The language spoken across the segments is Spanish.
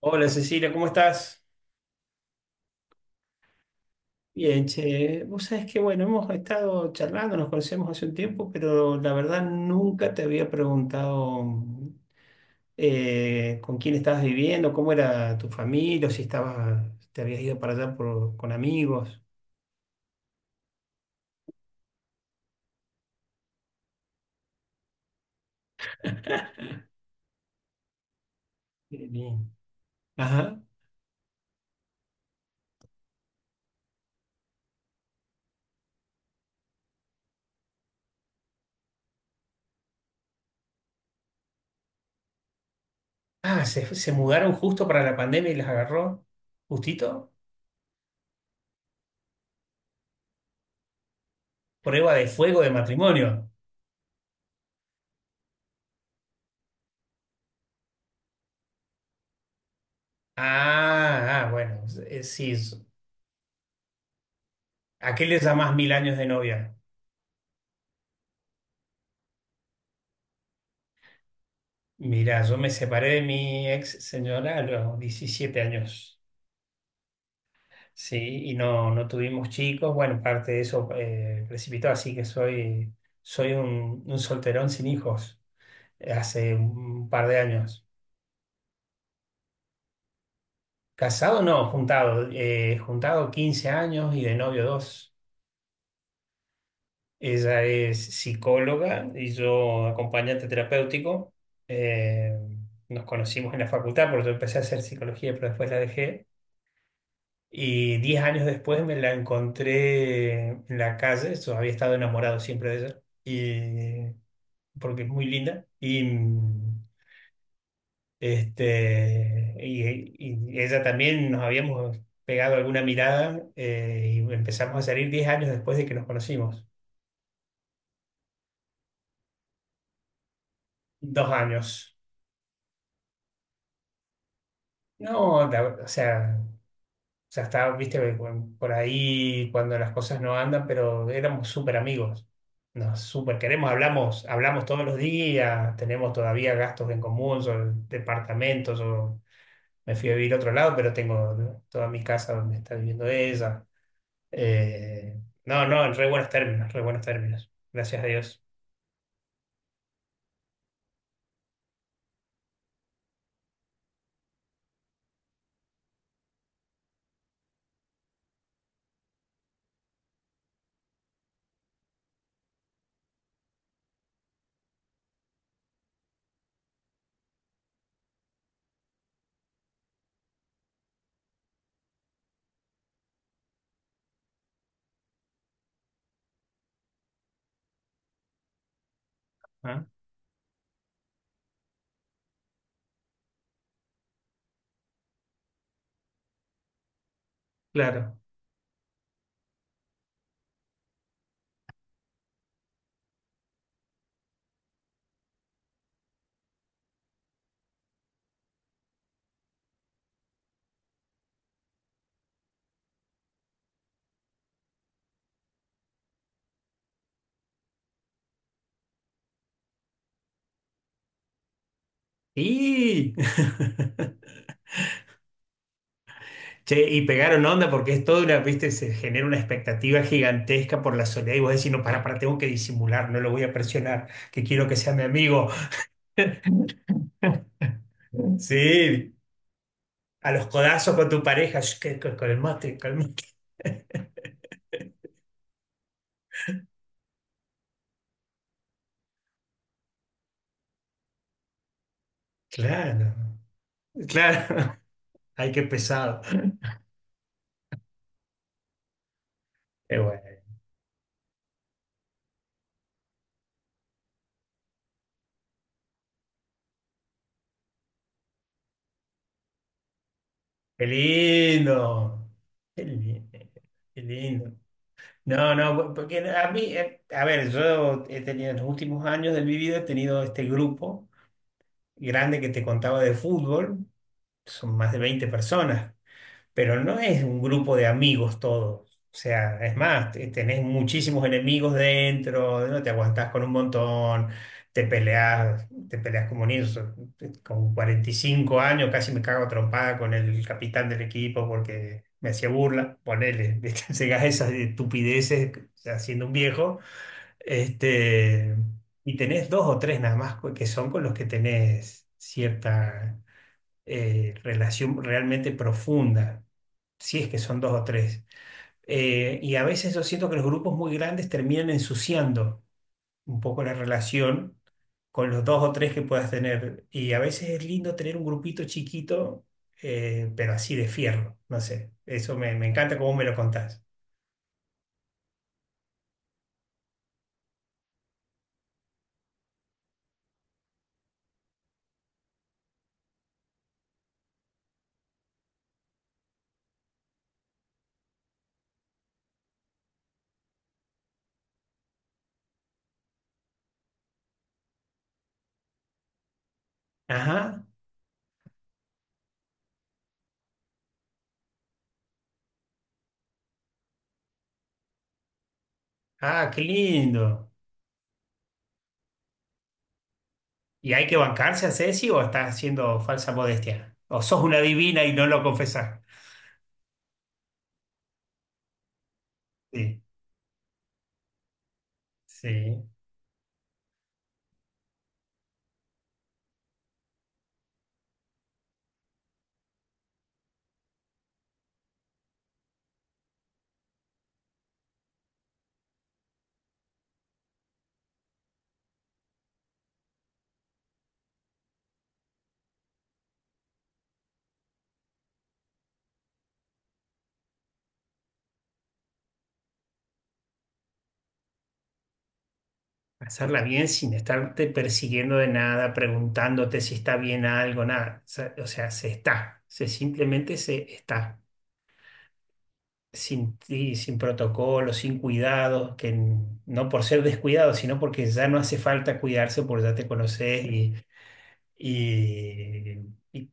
Hola Cecilia, ¿cómo estás? Bien, che, vos sabés que bueno, hemos estado charlando, nos conocemos hace un tiempo, pero la verdad nunca te había preguntado con quién estabas viviendo, cómo era tu familia, o si estabas, te habías ido para allá con amigos. Bien. Ajá. Ah, se mudaron justo para la pandemia y las agarró. Justito. Prueba de fuego de matrimonio. Ah, ah, bueno, sí. ¿A qué le llamás mil años de novia? Mira, yo me separé de mi ex señora a los 17 años, sí, y no, no tuvimos chicos. Bueno, parte de eso precipitó, así que soy un solterón sin hijos hace un par de años. Casado no, juntado, juntado 15 años y de novio dos. Ella es psicóloga y yo acompañante terapéutico. Eh, Nos conocimos en la facultad porque yo empecé a hacer psicología, pero después la dejé. Y 10 años después me la encontré en la calle, yo había estado enamorado siempre de ella, y, porque es muy linda. Y, y ella también nos habíamos pegado alguna mirada y empezamos a salir 10 años después de que nos conocimos. Dos años. No, o sea, o sea, está, viste, bueno, por ahí cuando las cosas no andan, pero éramos súper amigos. Nos súper queremos, hablamos, hablamos todos los días, tenemos todavía gastos en común, sobre departamentos, o me fui a vivir a otro lado, pero tengo, ¿no?, toda mi casa donde está viviendo ella. No, en re buenos términos, re buenos términos. Gracias a Dios. Ah, claro. Y che, y pegaron onda porque es toda una, viste, se genera una expectativa gigantesca por la soledad y vos decís, no, para, tengo que disimular, no lo voy a presionar, que quiero que sea mi amigo. Sí, a los codazos con tu pareja, "Sh, calmate, calmate". Claro, claro, hay que pesado. Qué bueno, qué lindo, qué lindo, qué lindo. No, no, porque a mí, a ver, yo he tenido en los últimos años de mi vida, he tenido este grupo grande que te contaba de fútbol, son más de 20 personas, pero no es un grupo de amigos todos. O sea, es más, tenés muchísimos enemigos dentro, no te aguantás con un montón, te peleás como un con 45 años casi me cago a trompada con el capitán del equipo porque me hacía burla, ponele, ¿viste? Llegás a esas estupideces haciendo un viejo este, y tenés dos o tres nada más que son con los que tenés cierta relación realmente profunda, si es que son dos o tres. Y a veces yo siento que los grupos muy grandes terminan ensuciando un poco la relación con los dos o tres que puedas tener. Y a veces es lindo tener un grupito chiquito, pero así de fierro, no sé. Eso me, me encanta cómo me lo contás. Ajá. Ah, qué lindo. ¿Y hay que bancarse a Ceci o estás haciendo falsa modestia? ¿O sos una divina y no lo confesás? Sí, sí. Hacerla bien sin estarte persiguiendo de nada, preguntándote si está bien algo, nada. O sea, se está. Se simplemente se está. Sin ti, sin protocolo, sin cuidado, que no por ser descuidado, sino porque ya no hace falta cuidarse porque ya te conoces y, y,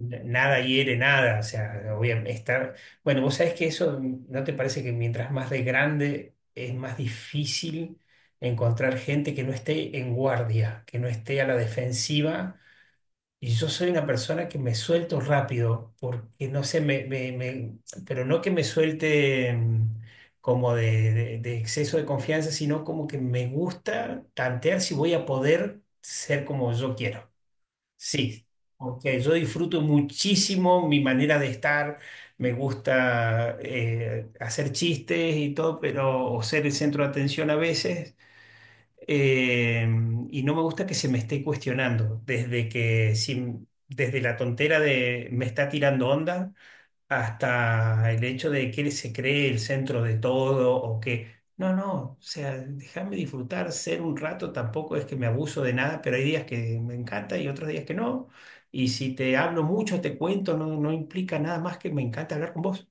nada hiere nada, o sea, obviamente está... Bueno, vos sabés que eso, ¿no te parece que mientras más de grande es más difícil encontrar gente que no esté en guardia, que no esté a la defensiva? Y yo soy una persona que me suelto rápido, porque no sé, pero no que me suelte como de, de exceso de confianza, sino como que me gusta tantear si voy a poder ser como yo quiero. Sí, porque yo disfruto muchísimo mi manera de estar, me gusta hacer chistes y todo, pero o ser el centro de atención a veces, eh, y no me gusta que se me esté cuestionando, desde que desde la tontera de me está tirando onda hasta el hecho de que él se cree el centro de todo o que, no, no, o sea, déjame disfrutar, ser un rato, tampoco es que me abuso de nada, pero hay días que me encanta y otros días que no. Y si te hablo mucho, te cuento, no, no implica nada más que me encanta hablar con vos.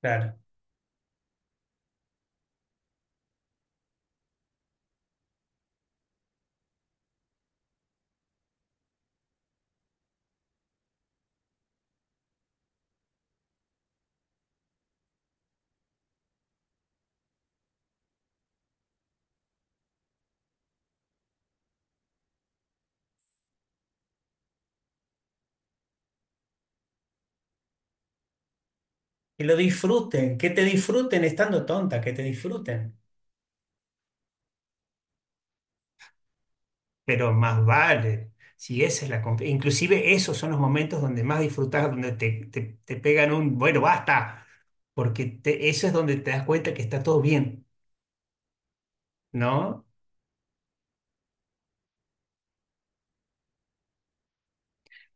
Claro. Que lo disfruten, que te disfruten estando tonta, que te disfruten. Pero más vale. Si esa es la inclusive esos son los momentos donde más disfrutas, donde te pegan un, bueno, basta, porque eso es donde te das cuenta que está todo bien, ¿no?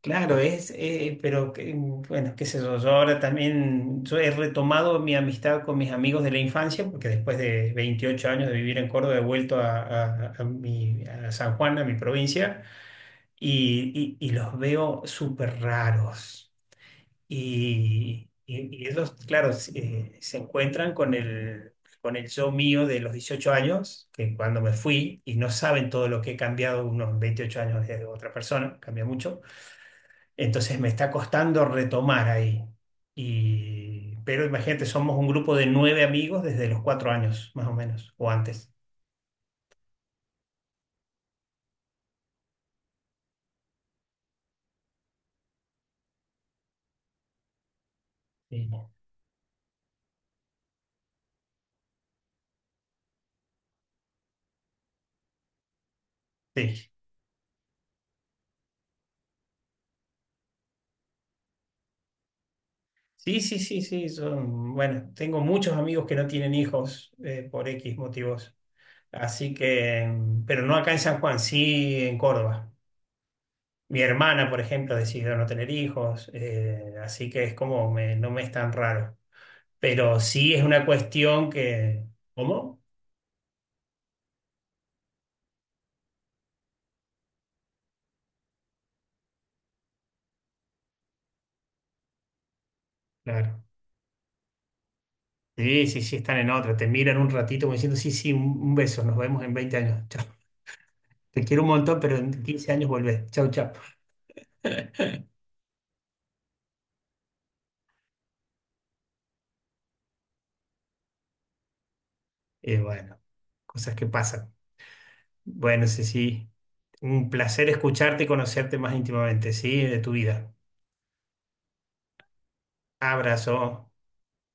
Claro, pero bueno, qué sé yo, yo ahora también, yo he retomado mi amistad con mis amigos de la infancia, porque después de 28 años de vivir en Córdoba he vuelto a mi, a San Juan, a mi provincia, y, y los veo súper raros. Y, y ellos, claro, se encuentran con el yo mío de los 18 años, que cuando me fui, y no saben todo lo que he cambiado unos 28 años de otra persona, cambia mucho. Entonces me está costando retomar ahí. Y, pero imagínate, somos un grupo de nueve amigos desde los cuatro años, más o menos, o antes. Sí, sí, sí, sí, sí, sí, bueno, tengo muchos amigos que no tienen hijos por X motivos. Así que, pero no acá en San Juan, sí en Córdoba. Mi hermana, por ejemplo, decidió no tener hijos, así que es como, no me es tan raro. Pero sí es una cuestión que... ¿Cómo? Claro. Sí, sí, sí, están en otra. Te miran un ratito como diciendo, sí, sí, un beso, nos vemos en 20 años. Chao. Te quiero un montón, pero en 15 años volvés. Chau, chau. Bueno, cosas que pasan. Bueno, sí, sí. Un placer escucharte y conocerte más íntimamente, ¿sí? De tu vida. Abrazo.